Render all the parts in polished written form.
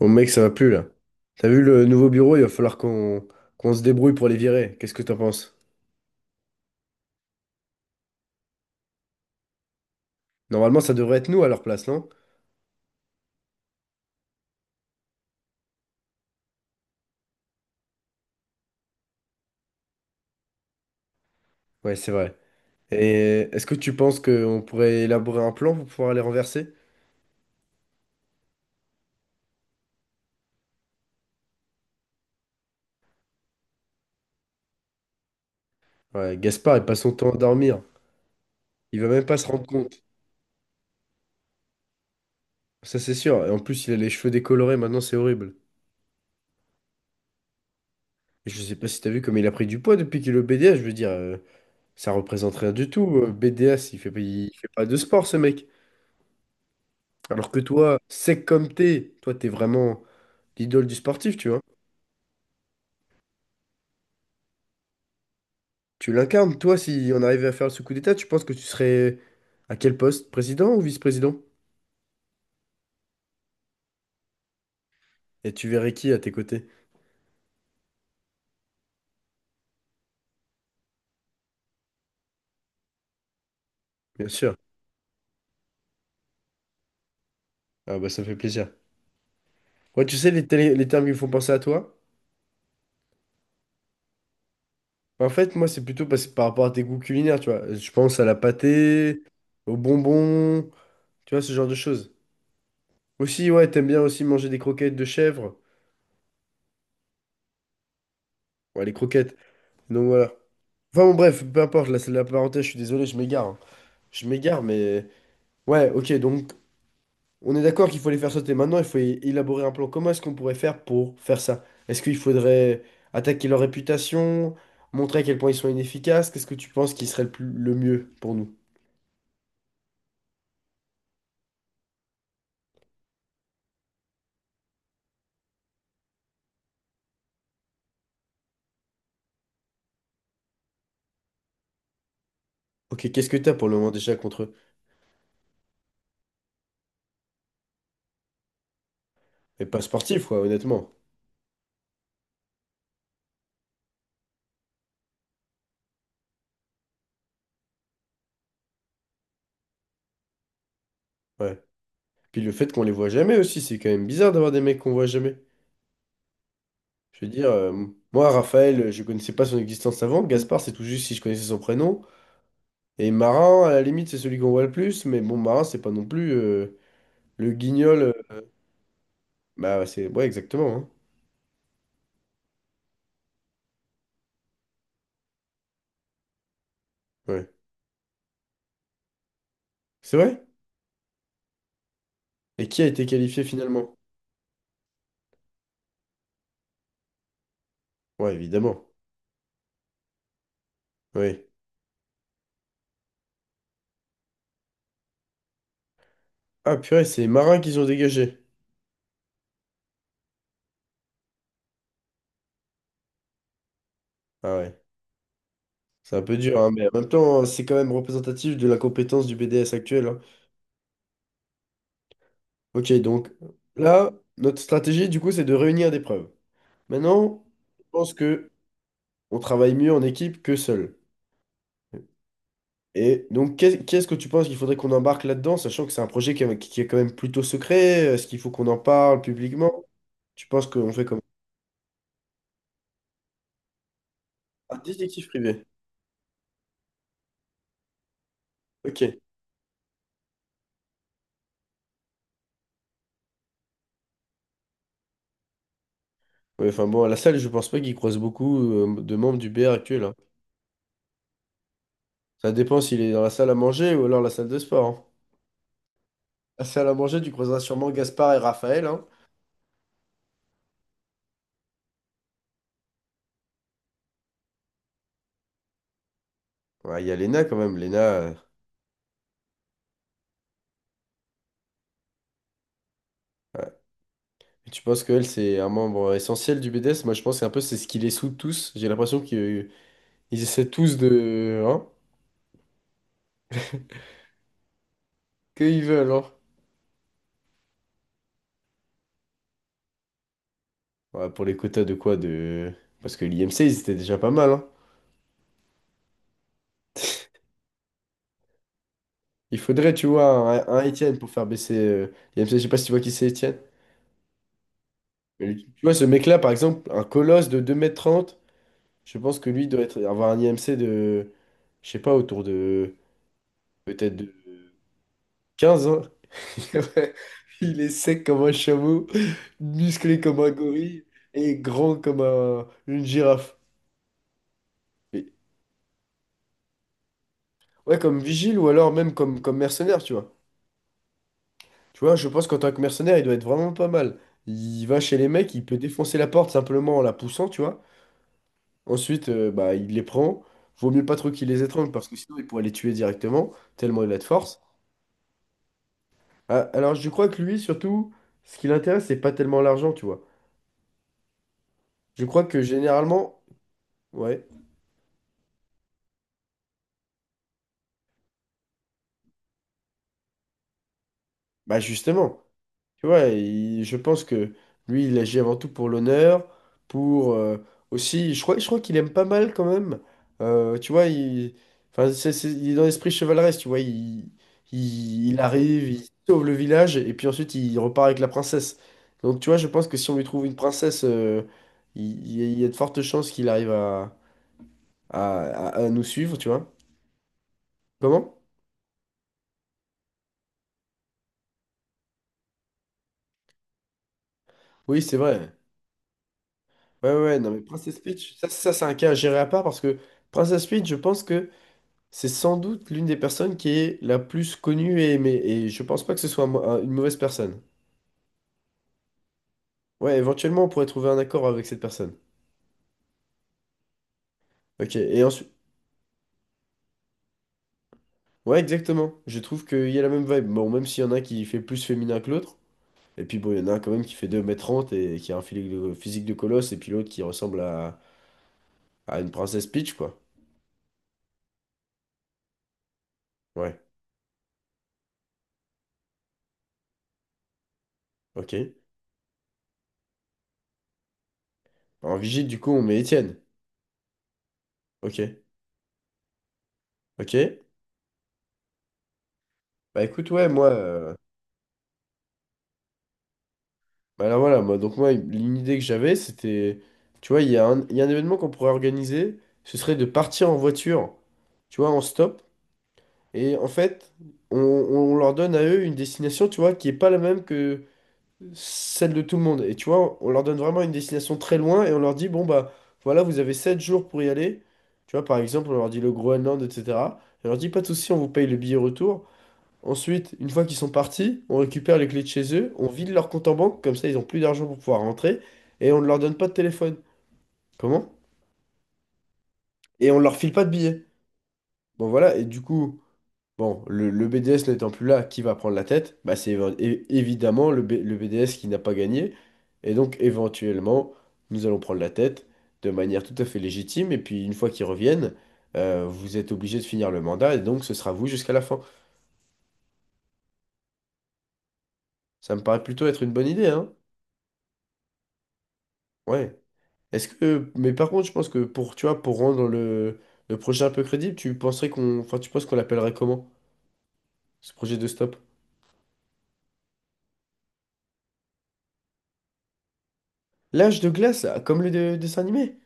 Bon mec, ça va plus là. T'as vu le nouveau bureau, il va falloir qu'on se débrouille pour les virer. Qu'est-ce que t'en penses? Normalement, ça devrait être nous à leur place, non? Ouais, c'est vrai. Et est-ce que tu penses qu'on pourrait élaborer un plan pour pouvoir les renverser? Ouais, Gaspard, il passe son temps à dormir. Il va même pas se rendre compte. Ça, c'est sûr. Et en plus, il a les cheveux décolorés, maintenant, c'est horrible. Et je sais pas si t'as vu comme il a pris du poids depuis qu'il est au BDS. Je veux dire, ça représente rien du tout. BDS, il fait, il fait pas de sport, ce mec. Alors que toi, sec comme t'es, toi, t'es vraiment, l'idole du sportif, tu vois. Tu l'incarnes. Toi, si on arrivait à faire ce coup d'état, tu penses que tu serais à quel poste? Président ou vice-président? Et tu verrais qui à tes côtés? Bien sûr. Ah bah ça me fait plaisir. Ouais, tu sais, les termes qui me font penser à toi, en fait, moi, c'est plutôt parce que par rapport à tes goûts culinaires, tu vois. Je pense à la pâtée, aux bonbons, tu vois, ce genre de choses. Aussi, ouais, t'aimes bien aussi manger des croquettes de chèvre. Ouais, les croquettes. Donc voilà. Enfin bon, bref, peu importe, là, c'est de la parenthèse, je suis désolé, je m'égare, hein. Je m'égare, mais... Ouais, ok, donc on est d'accord qu'il faut les faire sauter. Maintenant, il faut élaborer un plan. Comment est-ce qu'on pourrait faire pour faire ça? Est-ce qu'il faudrait attaquer leur réputation, montrer à quel point ils sont inefficaces? Qu'est-ce que tu penses qui serait le mieux pour nous? Ok, qu'est-ce que t'as pour le moment déjà contre eux? Mais pas sportif, quoi, honnêtement. Ouais. Puis le fait qu'on les voit jamais aussi, c'est quand même bizarre d'avoir des mecs qu'on voit jamais. Je veux dire, moi, Raphaël, je connaissais pas son existence avant. Gaspard, c'est tout juste si je connaissais son prénom. Et Marin, à la limite, c'est celui qu'on voit le plus. Mais bon, Marin, c'est pas non plus le guignol. Bah. Ouais, exactement, hein. Ouais. C'est vrai? Et qui a été qualifié finalement? Ouais, évidemment. Oui. Ah, purée, c'est les marins qu'ils ont dégagé. Ah ouais. C'est un peu dur, hein, mais en même temps, hein, c'est quand même représentatif de la compétence du BDS actuel, hein. Ok, donc là, notre stratégie, du coup, c'est de réunir des preuves. Maintenant, je pense que on travaille mieux en équipe que seul. Et donc, qu'est-ce que tu penses qu'il faudrait qu'on embarque là-dedans, sachant que c'est un projet qui est quand même plutôt secret? Est-ce qu'il faut qu'on en parle publiquement? Tu penses qu'on fait comment? Ah, détective privé. Ok. Ouais, enfin bon, à la salle, je pense pas qu'il croise beaucoup de membres du BR actuel, hein. Ça dépend s'il est dans la salle à manger ou alors la salle de sport, hein. La salle à manger, tu croiseras sûrement Gaspard et Raphaël, hein. Ouais, il y a Léna quand même. Léna, ouais. Et tu penses qu'elle, c'est un membre essentiel du BDS? Moi, je pense qu'un peu c'est ce qui les soude tous. J'ai l'impression qu'ils ils essaient tous de. Hein? Qu'ils veulent, hein. Ouais, pour les quotas de quoi de. Parce que l'IMC, ils étaient déjà pas mal, hein. Il faudrait, tu vois, un Étienne pour faire baisser l'IMC, je sais pas si tu vois qui c'est Étienne. Mais lui, tu vois, ce mec-là, par exemple, un colosse de 2,30 m, je pense que lui doit être, avoir un IMC de, je sais pas, autour de peut-être de 15, hein. Il est sec comme un chameau, musclé comme un gorille et grand comme une girafe. Mais- ouais, comme vigile ou alors même comme mercenaire, tu vois. Tu vois, je pense qu'en tant que mercenaire, il doit être vraiment pas mal. Il va chez les mecs, il peut défoncer la porte simplement en la poussant, tu vois. Ensuite, bah, il les prend. Vaut mieux pas trop qu'il les étrangle parce que sinon il pourrait les tuer directement, tellement il a de force. Ah, alors je crois que lui, surtout, ce qui l'intéresse, c'est pas tellement l'argent, tu vois. Je crois que généralement, ouais, bah justement. Tu vois, je pense que lui, il agit avant tout pour l'honneur, pour aussi, je crois qu'il aime pas mal quand même. Tu vois, il, enfin, il est dans l'esprit chevaleresque, tu vois, il, arrive, il sauve le village, et puis ensuite il repart avec la princesse. Donc tu vois, je pense que si on lui trouve une princesse, il y a de fortes chances qu'il arrive à, à nous suivre, tu vois. Comment? Oui, c'est vrai. Ouais, ouais, ouais, non, mais Princess Peach, ça c'est un cas à gérer à part parce que Princess Peach. C'est sans doute l'une des personnes qui est la plus connue et aimée, et je pense pas que ce soit une mauvaise personne. Ouais, éventuellement, on pourrait trouver un accord avec cette personne. Ok, et ensuite. Ouais, exactement. Je trouve qu'il y a la même vibe. Bon, même s'il y en a un qui fait plus féminin que l'autre, et puis bon, il y en a un quand même qui fait 2,30 m et qui a un physique de colosse, et puis l'autre qui ressemble à une princesse Peach, quoi. Ouais, ok. En vigile, du coup, on met Étienne. Ok, ok. Bah écoute, ouais, bah là voilà, moi, donc moi, l'idée que j'avais, c'était, tu vois, il y a un événement qu'on pourrait organiser, ce serait de partir en voiture, tu vois, en stop, et en fait, on leur donne à eux une destination, tu vois, qui est pas la même que celle de tout le monde. Et tu vois, on leur donne vraiment une destination très loin, et on leur dit, bon, bah voilà, vous avez 7 jours pour y aller, tu vois, par exemple, on leur dit le Groenland, etc. Et on leur dit, pas de souci, on vous paye le billet retour. Ensuite, une fois qu'ils sont partis, on récupère les clés de chez eux, on vide leur compte en banque, comme ça ils ont plus d'argent pour pouvoir rentrer, et on ne leur donne pas de téléphone. Comment? Et on leur file pas de billets. Bon voilà, et du coup, bon, le BDS n'étant plus là, qui va prendre la tête? Bah c'est évidemment le BDS qui n'a pas gagné. Et donc éventuellement, nous allons prendre la tête de manière tout à fait légitime, et puis une fois qu'ils reviennent, vous êtes obligé de finir le mandat, et donc ce sera vous jusqu'à la fin. Ça me paraît plutôt être une bonne idée, hein? Ouais. Est-ce que, mais par contre, je pense que pour, tu vois, pour rendre le projet un peu crédible, enfin, tu penses qu'on l'appellerait comment, ce projet de stop? L'âge de glace, ah, comme le dessin animé?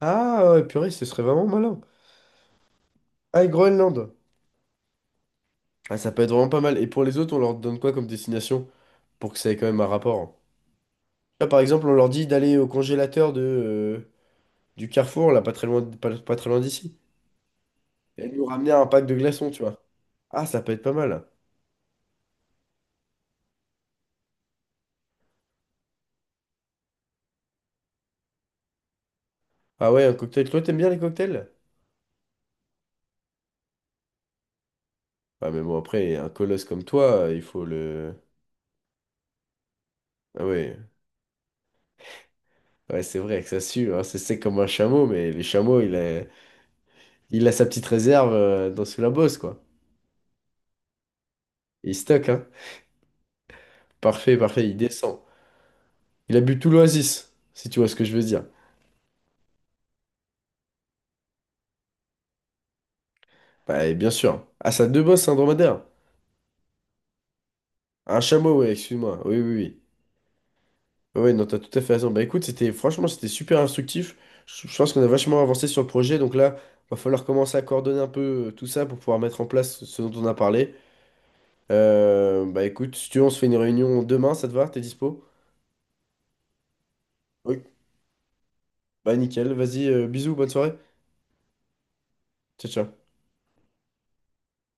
Ah, ouais, purée, ce serait vraiment malin. Ah, et Groenland. Ah, ça peut être vraiment pas mal. Et pour les autres, on leur donne quoi comme destination pour que ça ait quand même un rapport, hein? Là, par exemple, on leur dit d'aller au congélateur du Carrefour, là, pas très loin, pas très loin d'ici, et nous ramener un pack de glaçons, tu vois. Ah, ça peut être pas mal. Ah ouais, un cocktail. Toi, t'aimes bien les cocktails? Ah, mais bon, après, un colosse comme toi, il faut le. Ah ouais, ouais, c'est vrai que ça sue, hein, c'est sec comme un chameau, mais les chameaux, il a sa petite réserve dans sous la bosse, quoi. Il stocke, hein. Parfait, parfait, il descend. Il a bu tout l'oasis, si tu vois ce que je veux dire. Bah, et bien sûr. Ah, ça a deux bosses, un dromadaire. Un chameau, ouais, excuse-moi. Oui, oui, oui. Ouais, ouais, non, t'as tout à fait raison. Bah écoute, c'était franchement, c'était super instructif. Je pense qu'on a vachement avancé sur le projet, donc là, va falloir commencer à coordonner un peu tout ça pour pouvoir mettre en place ce dont on a parlé. Bah écoute, si tu veux, on se fait une réunion demain, ça te va? T'es dispo? Oui. Bah nickel, vas-y, bisous, bonne soirée. Ciao, ciao.